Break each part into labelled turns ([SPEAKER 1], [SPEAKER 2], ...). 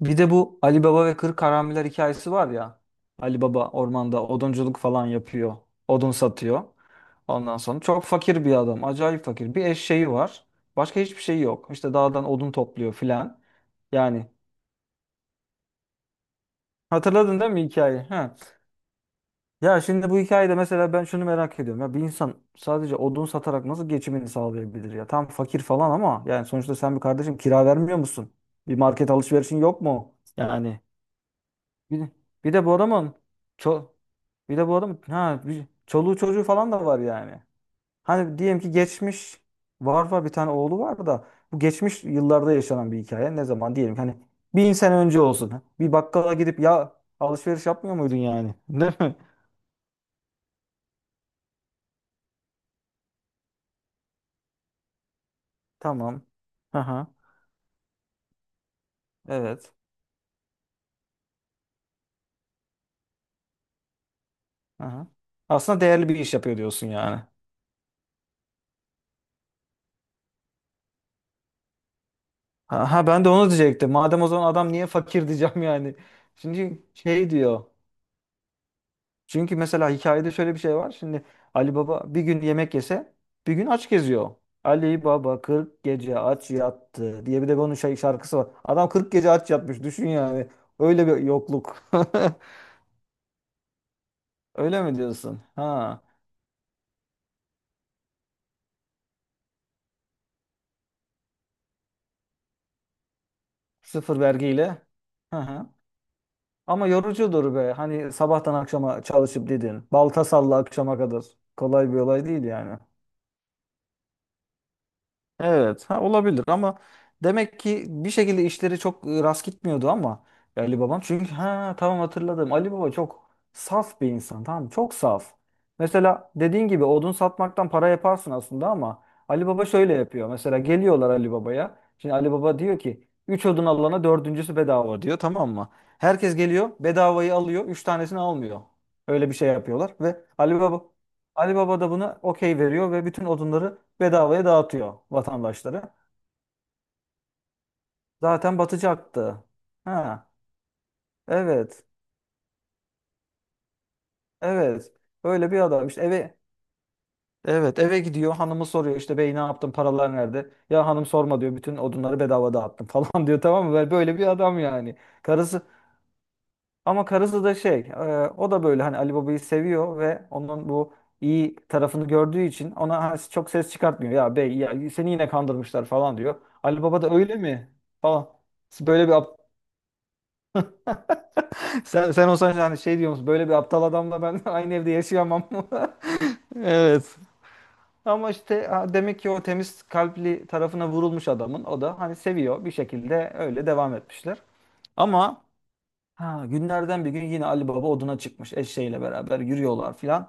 [SPEAKER 1] Bir de bu Ali Baba ve Kırk Karamiler hikayesi var ya. Ali Baba ormanda odunculuk falan yapıyor. Odun satıyor. Ondan sonra çok fakir bir adam. Acayip fakir. Bir eşeği var. Başka hiçbir şey yok. İşte dağdan odun topluyor filan. Yani hatırladın değil mi hikayeyi? Ha. Ya şimdi bu hikayede mesela ben şunu merak ediyorum. Ya bir insan sadece odun satarak nasıl geçimini sağlayabilir ya? Tam fakir falan ama yani sonuçta sen bir kardeşim kira vermiyor musun? Bir market alışverişin yok mu? Yani bir, de, bir de bu adamın çok bir de bu adam çoluğu çocuğu falan da var yani. Hani diyelim ki geçmiş Var, bir tane oğlu var da bu geçmiş yıllarda yaşanan bir hikaye. Ne zaman diyelim ki hani bin sene önce olsun. Bir bakkala gidip ya alışveriş yapmıyor muydun yani? Değil mi? Tamam. Aha. Evet. Aha. Aslında değerli bir iş yapıyor diyorsun yani. Ha, ha, ben de onu diyecektim. Madem o zaman adam niye fakir diyeceğim yani. Şimdi şey diyor. Çünkü mesela hikayede şöyle bir şey var. Şimdi Ali Baba bir gün yemek yese bir gün aç geziyor. Ali Baba 40 gece aç yattı diye bir de bunun şey şarkısı var. Adam 40 gece aç yatmış düşün yani. Öyle bir yokluk. Öyle mi diyorsun? Ha. Sıfır vergiyle. Hı hı. Ama yorucudur be. Hani sabahtan akşama çalışıp dedin. Balta salla akşama kadar. Kolay bir olay değil yani. Evet, ha, olabilir ama demek ki bir şekilde işleri çok rast gitmiyordu ama Ali babam çünkü ha tamam hatırladım. Ali baba çok saf bir insan. Tamam mı? Çok saf. Mesela dediğin gibi odun satmaktan para yaparsın aslında ama Ali baba şöyle yapıyor. Mesela geliyorlar Ali babaya. Şimdi Ali baba diyor ki 3 odun alana dördüncüsü bedava diyor, tamam mı? Herkes geliyor, bedavayı alıyor, 3 tanesini almıyor. Öyle bir şey yapıyorlar ve Ali Baba da buna okey veriyor ve bütün odunları bedavaya dağıtıyor vatandaşlara. Zaten batacaktı. Ha, evet. Evet. Öyle bir adam işte. Evet, eve gidiyor, hanımı soruyor işte, bey ne yaptın, paralar nerede? Ya hanım sorma diyor, bütün odunları bedava dağıttım falan diyor, tamam mı? Böyle böyle bir adam yani. Karısı Ama karısı da o da böyle hani Ali Baba'yı seviyor ve onun bu iyi tarafını gördüğü için ona ha- çok ses çıkartmıyor. Ya bey, ya seni yine kandırmışlar falan diyor. Ali Baba da öyle mi? Falan. Böyle bir ap- sen olsan yani şey diyor musun? Böyle bir aptal adamla ben aynı evde yaşayamam. Evet. Ama işte ha, demek ki o temiz kalpli tarafına vurulmuş adamın, o da hani seviyor, bir şekilde öyle devam etmişler. Ama ha, günlerden bir gün yine Ali Baba oduna çıkmış, eşeğiyle beraber yürüyorlar filan.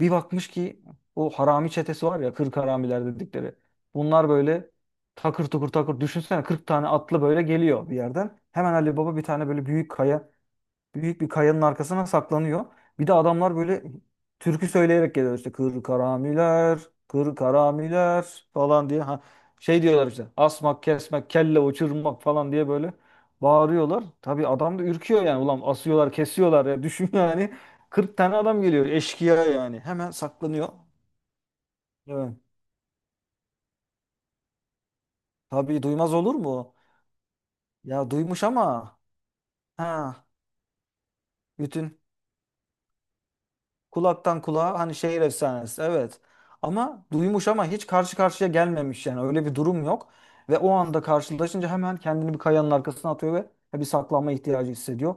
[SPEAKER 1] Bir bakmış ki o harami çetesi var ya, 40 haramiler dedikleri. Bunlar böyle takır tukur takır, düşünsene, 40 tane atlı böyle geliyor bir yerden. Hemen Ali Baba bir tane böyle büyük kaya büyük bir kayanın arkasına saklanıyor. Bir de adamlar böyle türkü söyleyerek geliyor işte, kır karamiler, kır karamiler falan diye. Ha, şey diyorlar işte, asmak, kesmek, kelle uçurmak falan diye böyle bağırıyorlar. Tabii adam da ürküyor yani, ulan asıyorlar kesiyorlar ya düşün yani, 40 tane adam geliyor eşkıya yani, hemen saklanıyor. Evet. Tabii duymaz olur mu? Ya duymuş ama ha bütün kulaktan kulağa, hani, şehir efsanesi, evet. Ama duymuş ama hiç karşı karşıya gelmemiş, yani öyle bir durum yok. Ve o anda karşılaşınca hemen kendini bir kayanın arkasına atıyor ve bir saklanma ihtiyacı hissediyor.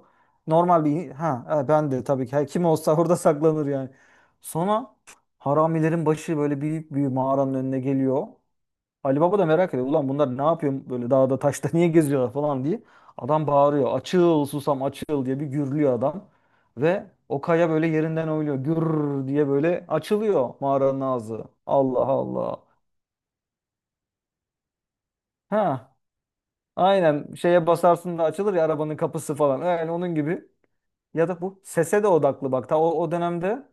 [SPEAKER 1] Normal bir Ha, ha, ben de tabii ki, her kim olsa orada saklanır yani. Sonra haramilerin başı böyle büyük bir mağaranın önüne geliyor. Ali Baba da merak ediyor. Ulan bunlar ne yapıyor böyle dağda taşta, niye geziyorlar falan diye. Adam bağırıyor. Açıl susam açıl diye bir gürlüyor adam. Ve o kaya böyle yerinden oynuyor. Gür diye böyle açılıyor mağaranın ağzı. Allah Allah. Ha, aynen, şeye basarsın da açılır ya arabanın kapısı falan. Yani onun gibi. Ya da bu sese de odaklı bak. Ta o, o dönemde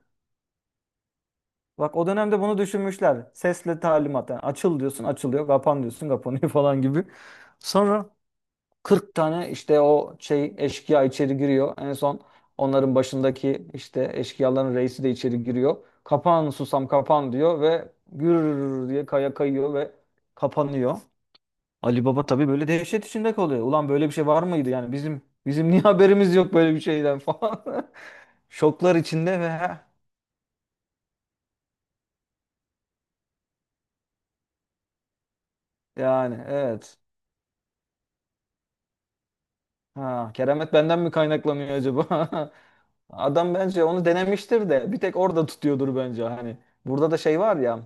[SPEAKER 1] bak o dönemde bunu düşünmüşler. Sesle talimat. Yani açıl diyorsun açılıyor, kapan diyorsun kapanıyor falan gibi. Sonra 40 tane işte o şey eşkıya içeri giriyor. En son onların başındaki işte eşkıyaların reisi de içeri giriyor. Kapan susam kapan diyor ve gür diye kaya kayıyor ve kapanıyor. Ali Baba tabii böyle dehşet içinde kalıyor. Ulan böyle bir şey var mıydı yani, bizim niye haberimiz yok böyle bir şeyden falan. Şoklar içinde ve yani evet. Ha, keramet benden mi kaynaklanıyor acaba? Adam bence onu denemiştir de bir tek orada tutuyordur, bence, hani. Burada da şey var ya,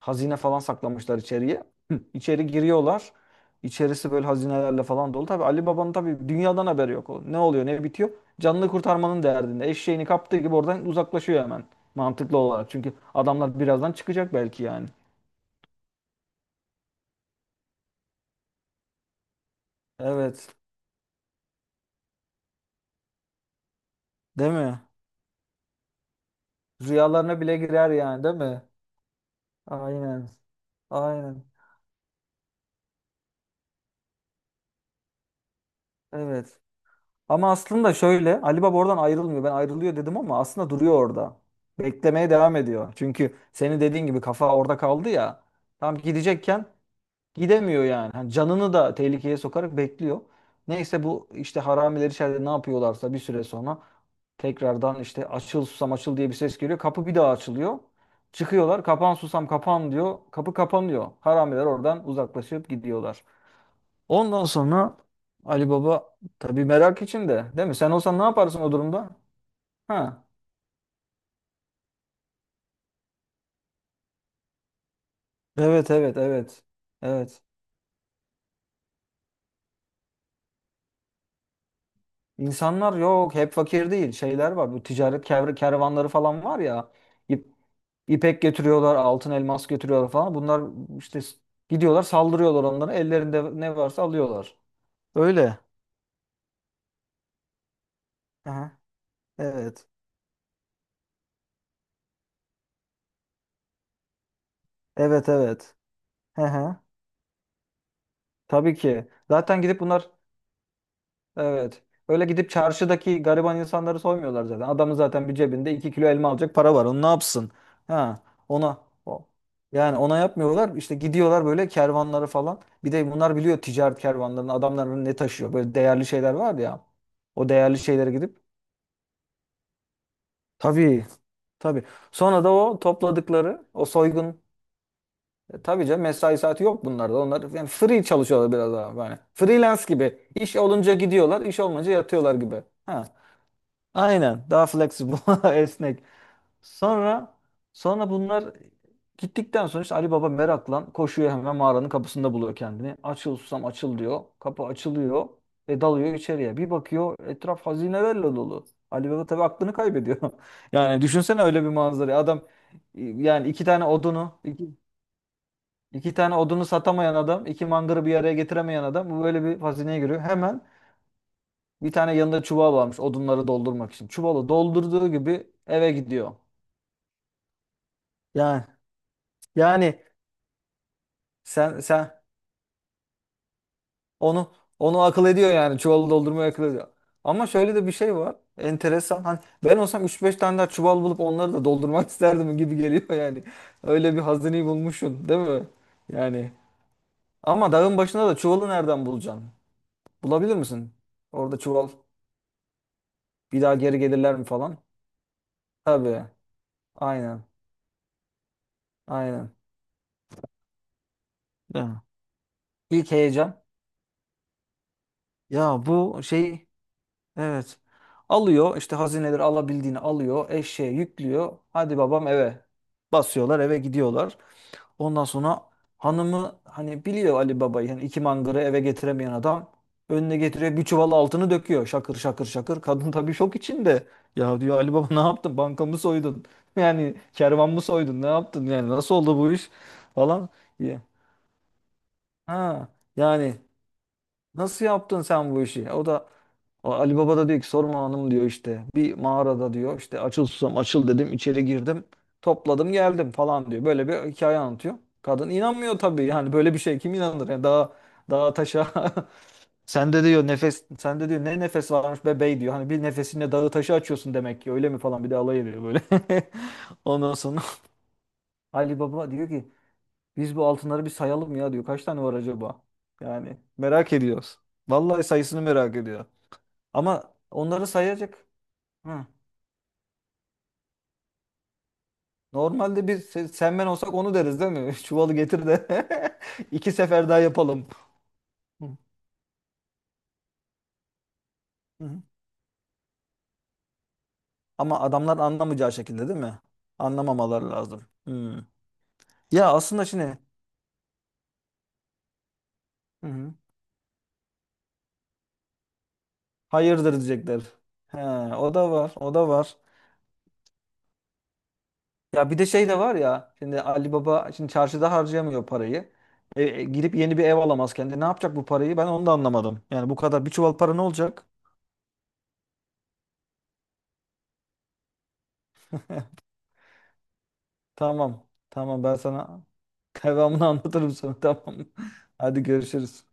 [SPEAKER 1] hazine falan saklamışlar içeriye. Hı, İçeri giriyorlar. İçerisi böyle hazinelerle falan dolu. Tabii Ali Baba'nın tabii dünyadan haberi yok. O, ne oluyor ne bitiyor? Canını kurtarmanın derdinde. Eşeğini kaptığı gibi oradan uzaklaşıyor hemen. Mantıklı olarak. Çünkü adamlar birazdan çıkacak belki yani. Evet. Değil mi? Rüyalarına bile girer yani, değil mi? Aynen. Aynen. Evet. Ama aslında şöyle, Ali Baba oradan ayrılmıyor. Ben ayrılıyor dedim ama aslında duruyor orada. Beklemeye devam ediyor. Çünkü senin dediğin gibi, kafa orada kaldı ya. Tam gidecekken gidemiyor yani. Hani canını da tehlikeye sokarak bekliyor. Neyse, bu işte haramiler içeride ne yapıyorlarsa, bir süre sonra tekrardan işte açıl susam açıl diye bir ses geliyor. Kapı bir daha açılıyor. Çıkıyorlar, kapan susam kapan diyor, kapı kapanıyor. Haramiler oradan uzaklaşıp gidiyorlar. Ondan sonra Ali Baba tabii merak içinde, değil mi? Sen olsan ne yaparsın o durumda? Ha. Evet, evet, evet. Evet. İnsanlar yok hep fakir değil. Şeyler var, bu ticaret kervanları falan var ya. İp, ipek getiriyorlar, altın elmas getiriyorlar falan. Bunlar işte gidiyorlar, saldırıyorlar onlara. Ellerinde ne varsa alıyorlar. Öyle. Aha. Evet. Evet, evet. Hı hı. Tabii ki. Zaten gidip bunlar Evet. Öyle gidip çarşıdaki gariban insanları soymuyorlar zaten. Adamın zaten bir cebinde 2 kilo elma alacak para var. Onu ne yapsın? Ha, ona o. Yani ona yapmıyorlar. İşte gidiyorlar böyle kervanları falan. Bir de bunlar biliyor ticaret kervanlarının, adamların ne taşıyor. Böyle değerli şeyler var ya. O değerli şeylere gidip, tabii tabii. Sonra da o topladıkları o soygun e, tabii canım, mesai saati yok bunlarda. Onlar yani free çalışıyorlar biraz daha. Yani freelance gibi. İş olunca gidiyorlar, iş olmayınca yatıyorlar gibi. Ha. Aynen. Daha flexible, esnek. Sonra sonra bunlar gittikten sonra işte Ali Baba meraklan koşuyor, hemen mağaranın kapısında buluyor kendini. Açıl susam açıl diyor. Kapı açılıyor ve dalıyor içeriye. Bir bakıyor, etraf hazinelerle dolu. Ali Baba tabii aklını kaybediyor. Yani düşünsene öyle bir manzarayı. Adam yani iki tane odunu satamayan adam, iki mangırı bir araya getiremeyen adam, bu böyle bir hazineye giriyor. Hemen bir tane yanında çuval varmış odunları doldurmak için. Çuvalı doldurduğu gibi eve gidiyor. Yani yani sen onu onu akıl ediyor yani, çuvalı doldurmayı akıl ediyor. Ama şöyle de bir şey var. Enteresan. Hani ben olsam üç beş tane daha çuval bulup onları da doldurmak isterdim gibi geliyor yani. Öyle bir hazineyi bulmuşsun, değil mi? Yani ama dağın başında da çuvalı nereden bulacaksın? Bulabilir misin? Orada çuval bir daha geri gelirler mi falan? Tabii. Aynen. Aynen. Değil mi? İlk heyecan. Ya bu şey evet, alıyor işte hazineleri, alabildiğini alıyor, eşeğe yüklüyor, hadi babam eve, basıyorlar eve gidiyorlar. Ondan sonra hanımı hani biliyor Ali Baba'yı, yani iki mangırı eve getiremeyen adam, önüne getiriyor bir çuval altını, döküyor şakır şakır şakır. Kadın tabii şok içinde. Ya diyor, Ali Baba ne yaptın, bankamı soydun yani, kervan mı soydun, ne yaptın yani, nasıl oldu bu iş falan. Ya, ha, yani nasıl yaptın sen bu işi? O da o Ali Baba da diyor ki, sorma hanım diyor, işte bir mağarada diyor, işte açıl susam açıl dedim, içeri girdim, topladım geldim falan diyor. Böyle bir hikaye anlatıyor. Kadın inanmıyor tabii, yani böyle bir şey kim inanır yani. Daha taşa sen de diyor, ne nefes varmış be bey diyor. Hani bir nefesinle dağı taşı açıyorsun demek ki, öyle mi falan, bir de alay ediyor böyle. Ondan sonra Ali Baba diyor ki, biz bu altınları bir sayalım ya diyor. Kaç tane var acaba? Yani merak ediyoruz. Vallahi sayısını merak ediyor. Ama onları sayacak. Hı. Normalde biz sen ben olsak onu deriz, değil mi? Çuvalı getir de iki sefer daha yapalım. Hı. Hı. Ama adamlar anlamayacağı şekilde, değil mi? Anlamamaları lazım. Hı. Ya aslında şimdi. Hı hı. Hayırdır diyecekler. He, o da var, o da var. Ya bir de şey de var ya. Şimdi Ali Baba şimdi çarşıda harcayamıyor parayı. Girip yeni bir ev alamaz kendi. Ne yapacak bu parayı? Ben onu da anlamadım. Yani bu kadar bir çuval para ne olacak? Tamam. Tamam, ben sana devamını anlatırım sonra, tamam mı? Hadi görüşürüz.